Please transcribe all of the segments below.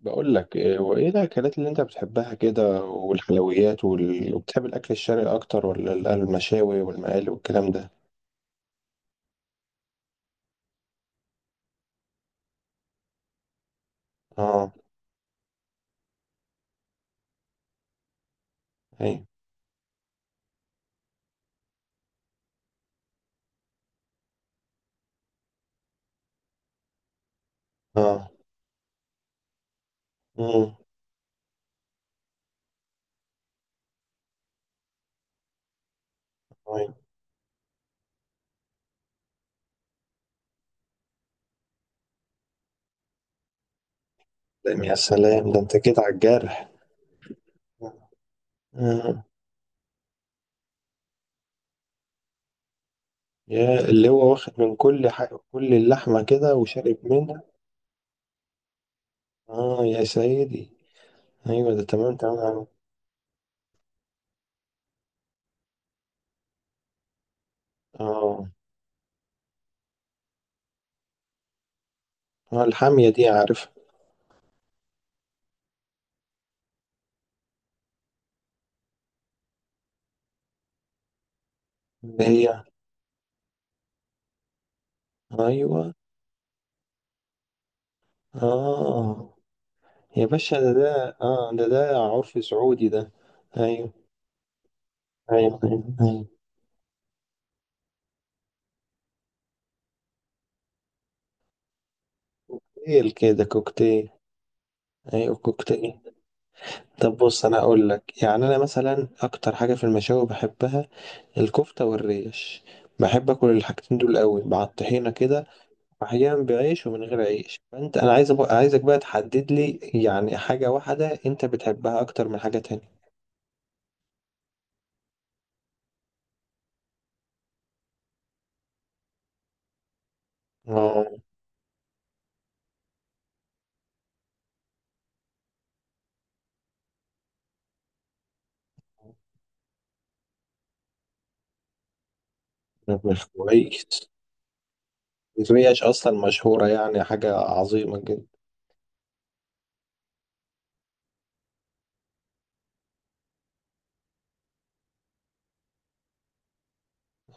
بقول لك وايه الاكلات اللي انت بتحبها كده والحلويات وبتحب الاكل الشرقي اكتر ولا المشاوي والمقالي والكلام ده. اه. اي. اه. امم. أي. يا سلام، ده انت كده على الجرح. آه. يا اللي هو واخد من كل حق كل اللحمه كده وشارب منها. اه، يا سيدي. ايوه، ده تمام، تمام عارف. اه، اه، الحاميه دي عارف. اللي هي. ايوه. اه، يا باشا، ده عرف سعودي ده. ايوه، ايوه، ايوه، ايوه، كوكتيل كده، كوكتيل. ايوه، كوكتيل. طب، بص، انا اقول لك يعني انا مثلا اكتر حاجه في المشاوي بحبها الكفته والريش. بحب اكل الحاجتين دول قوي مع الطحينه كده. واحيانا بعيش ومن غير عيش، فانت، انا أبقى عايزك بقى تحدد لي، يعني حاجه واحده انت بتحبها اكتر من حاجه تانية؟ اه، مش كويس. الريش اصلا مشهوره، يعني حاجه عظيمه جدا.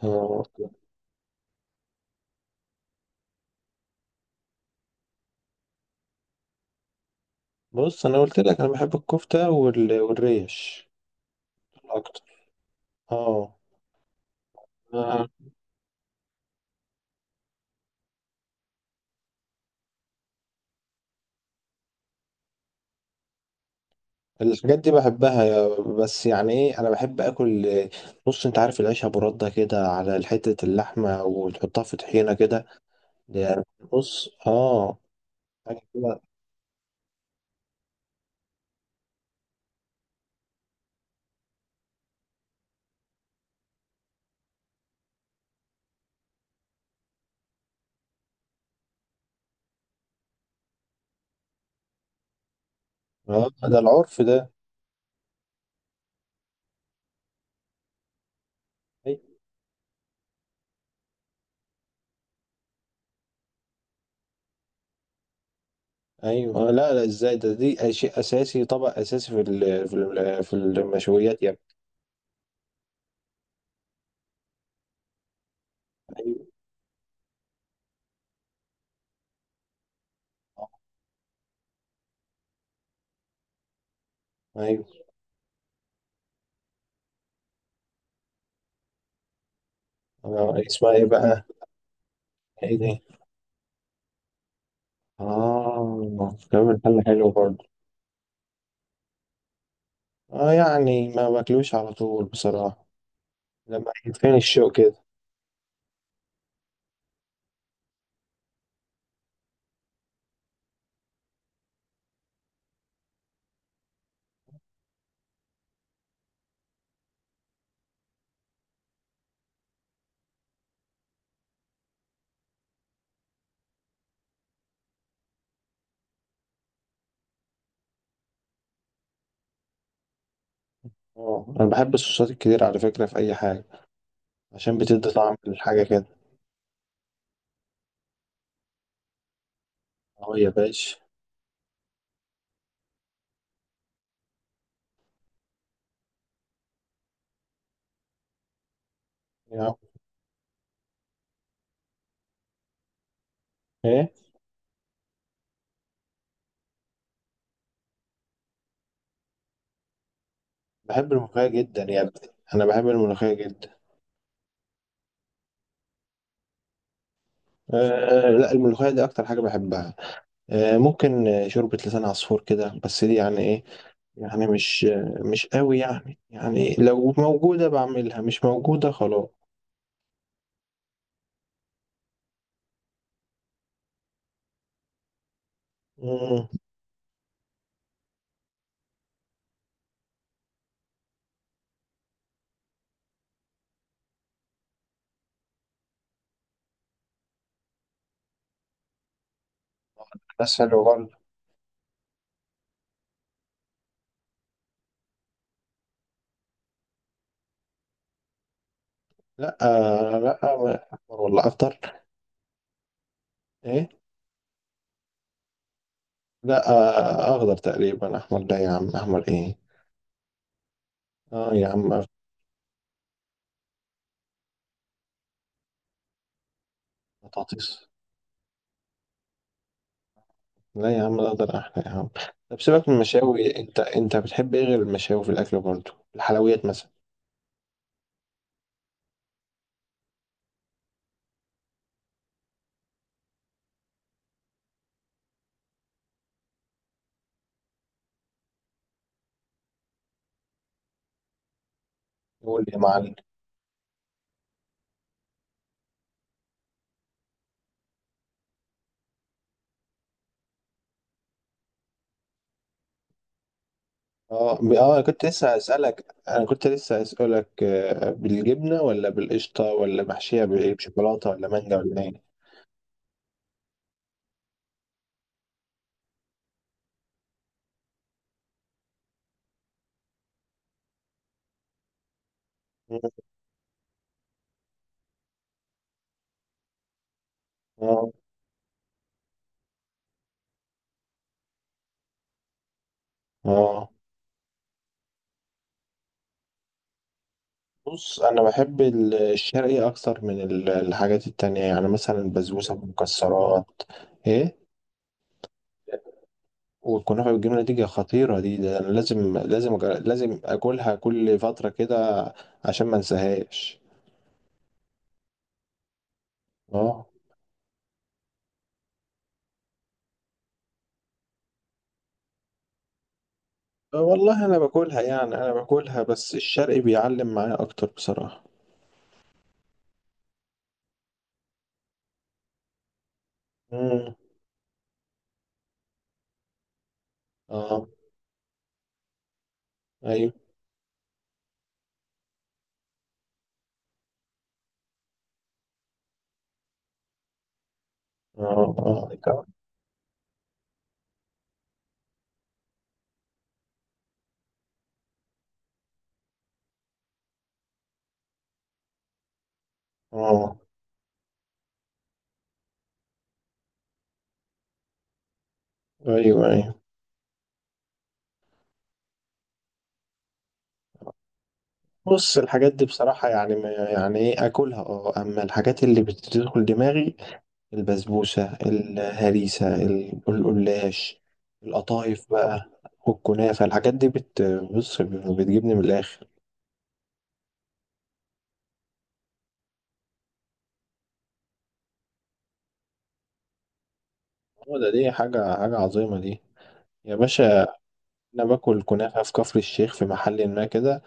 اه، بص، انا قلت لك انا بحب الكفته والريش اكتر. اه. آه. الحاجات دي بحبها، بس يعني ايه، انا بحب اكل. بص، انت عارف العيش ابو رده كده على حته اللحمه، وتحطها في طحينه كده. يعني، بص، اه، حاجة كده. اه، ده العرف ده. أي- ايوه، آه، لا، لا، ازاي ده، دي شيء اساسي، طبق اساسي في في المشويات يعني. ايوه، ايوه. آه، اسمها ايه بقى؟ ايه دي؟ اه، كمان، حلو برضه. اه، يعني ما باكلوش على طول بصراحة. لما يتفين الشوق كده. اه، انا بحب الصوصات الكتير على فكرة، في اي حاجة. عشان بتدي طعم للحاجة كده. اه، يا باشا. يا- ايه، بحب الملوخية جدا يا ابني. انا بحب الملوخية جدا. آه. آه، لا، الملوخية دي اكتر حاجة بحبها. آه، ممكن، شوربة لسان عصفور كده، بس دي يعني ايه. يعني مش، مش قوي، يعني لو موجودة بعملها، مش موجودة خلاص. مم. بس حلو برضه. لا، لا، والله افطر. ايه؟ لا، اخضر تقريبا، احمر لا يا عم، احمر ايه. اه يا عم، أخضر. بطاطس. لا يا عم، الاخضر احلى يا عم. طب، سيبك من المشاوي، انت بتحب ايه غير المشاوي في الاكل برضه؟ الحلويات مثلا؟ قول لي يا معلم. اه، كنت لسه هسألك، بالجبنة ولا بالقشطة ولا محشية بايه، بشوكولاتة ولا مانجا ولا ايه؟ مم. اه. اه. بص، انا بحب الشرقي اكتر من الحاجات التانية، يعني مثلا البسبوسة بالمكسرات. ايه؟ والكنافة بالجبنة دي خطيرة، دي ده أنا لازم لازم أكلها كل فترة كده. عشان ما انساهاش. اه، والله أنا باكلها، يعني أنا باكلها، بس الشرق بيعلم معايا أكتر بصراحة. مم. اه، أيوه. اه، اه، اه، أيوه، أيوه. بص، الحاجات دي بصراحة يعني يعني إيه، أكلها، أما الحاجات اللي بتدخل دماغي. البسبوسة، الهريسة، القلاش. القطايف بقى. والكنافة، الحاجات دي، بص، بتجيبني من الآخر. هو ده، دي حاجة، حاجة عظيمة دي. يا باشا. أنا باكل كنافة في كفر الشيخ، في محل ما كده.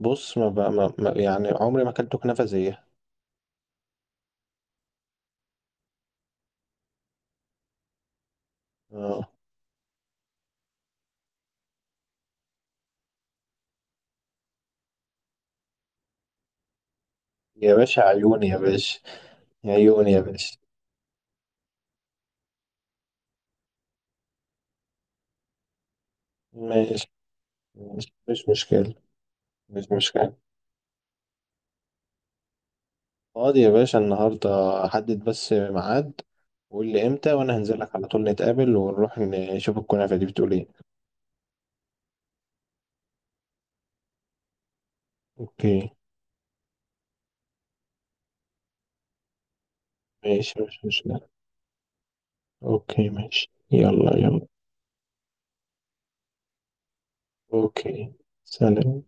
بص، ما, ب... ما... ما يعني عمري ما أكلت كنافة زيها. آه. يا باشا، عيوني يا باشا. عيوني يا باشا. ماشي، ماشي، مش مشكلة. مش مشكلة. فاضي يا باشا النهاردة. حدد بس ميعاد. وقول لي امتى وانا هنزل لك على طول، نتقابل ونروح نشوف الكنافة دي بتقول ايه. اوكي، ماشي، مش مشكلة. اوكي، ماشي، يلا يلا. اوكي. سلام.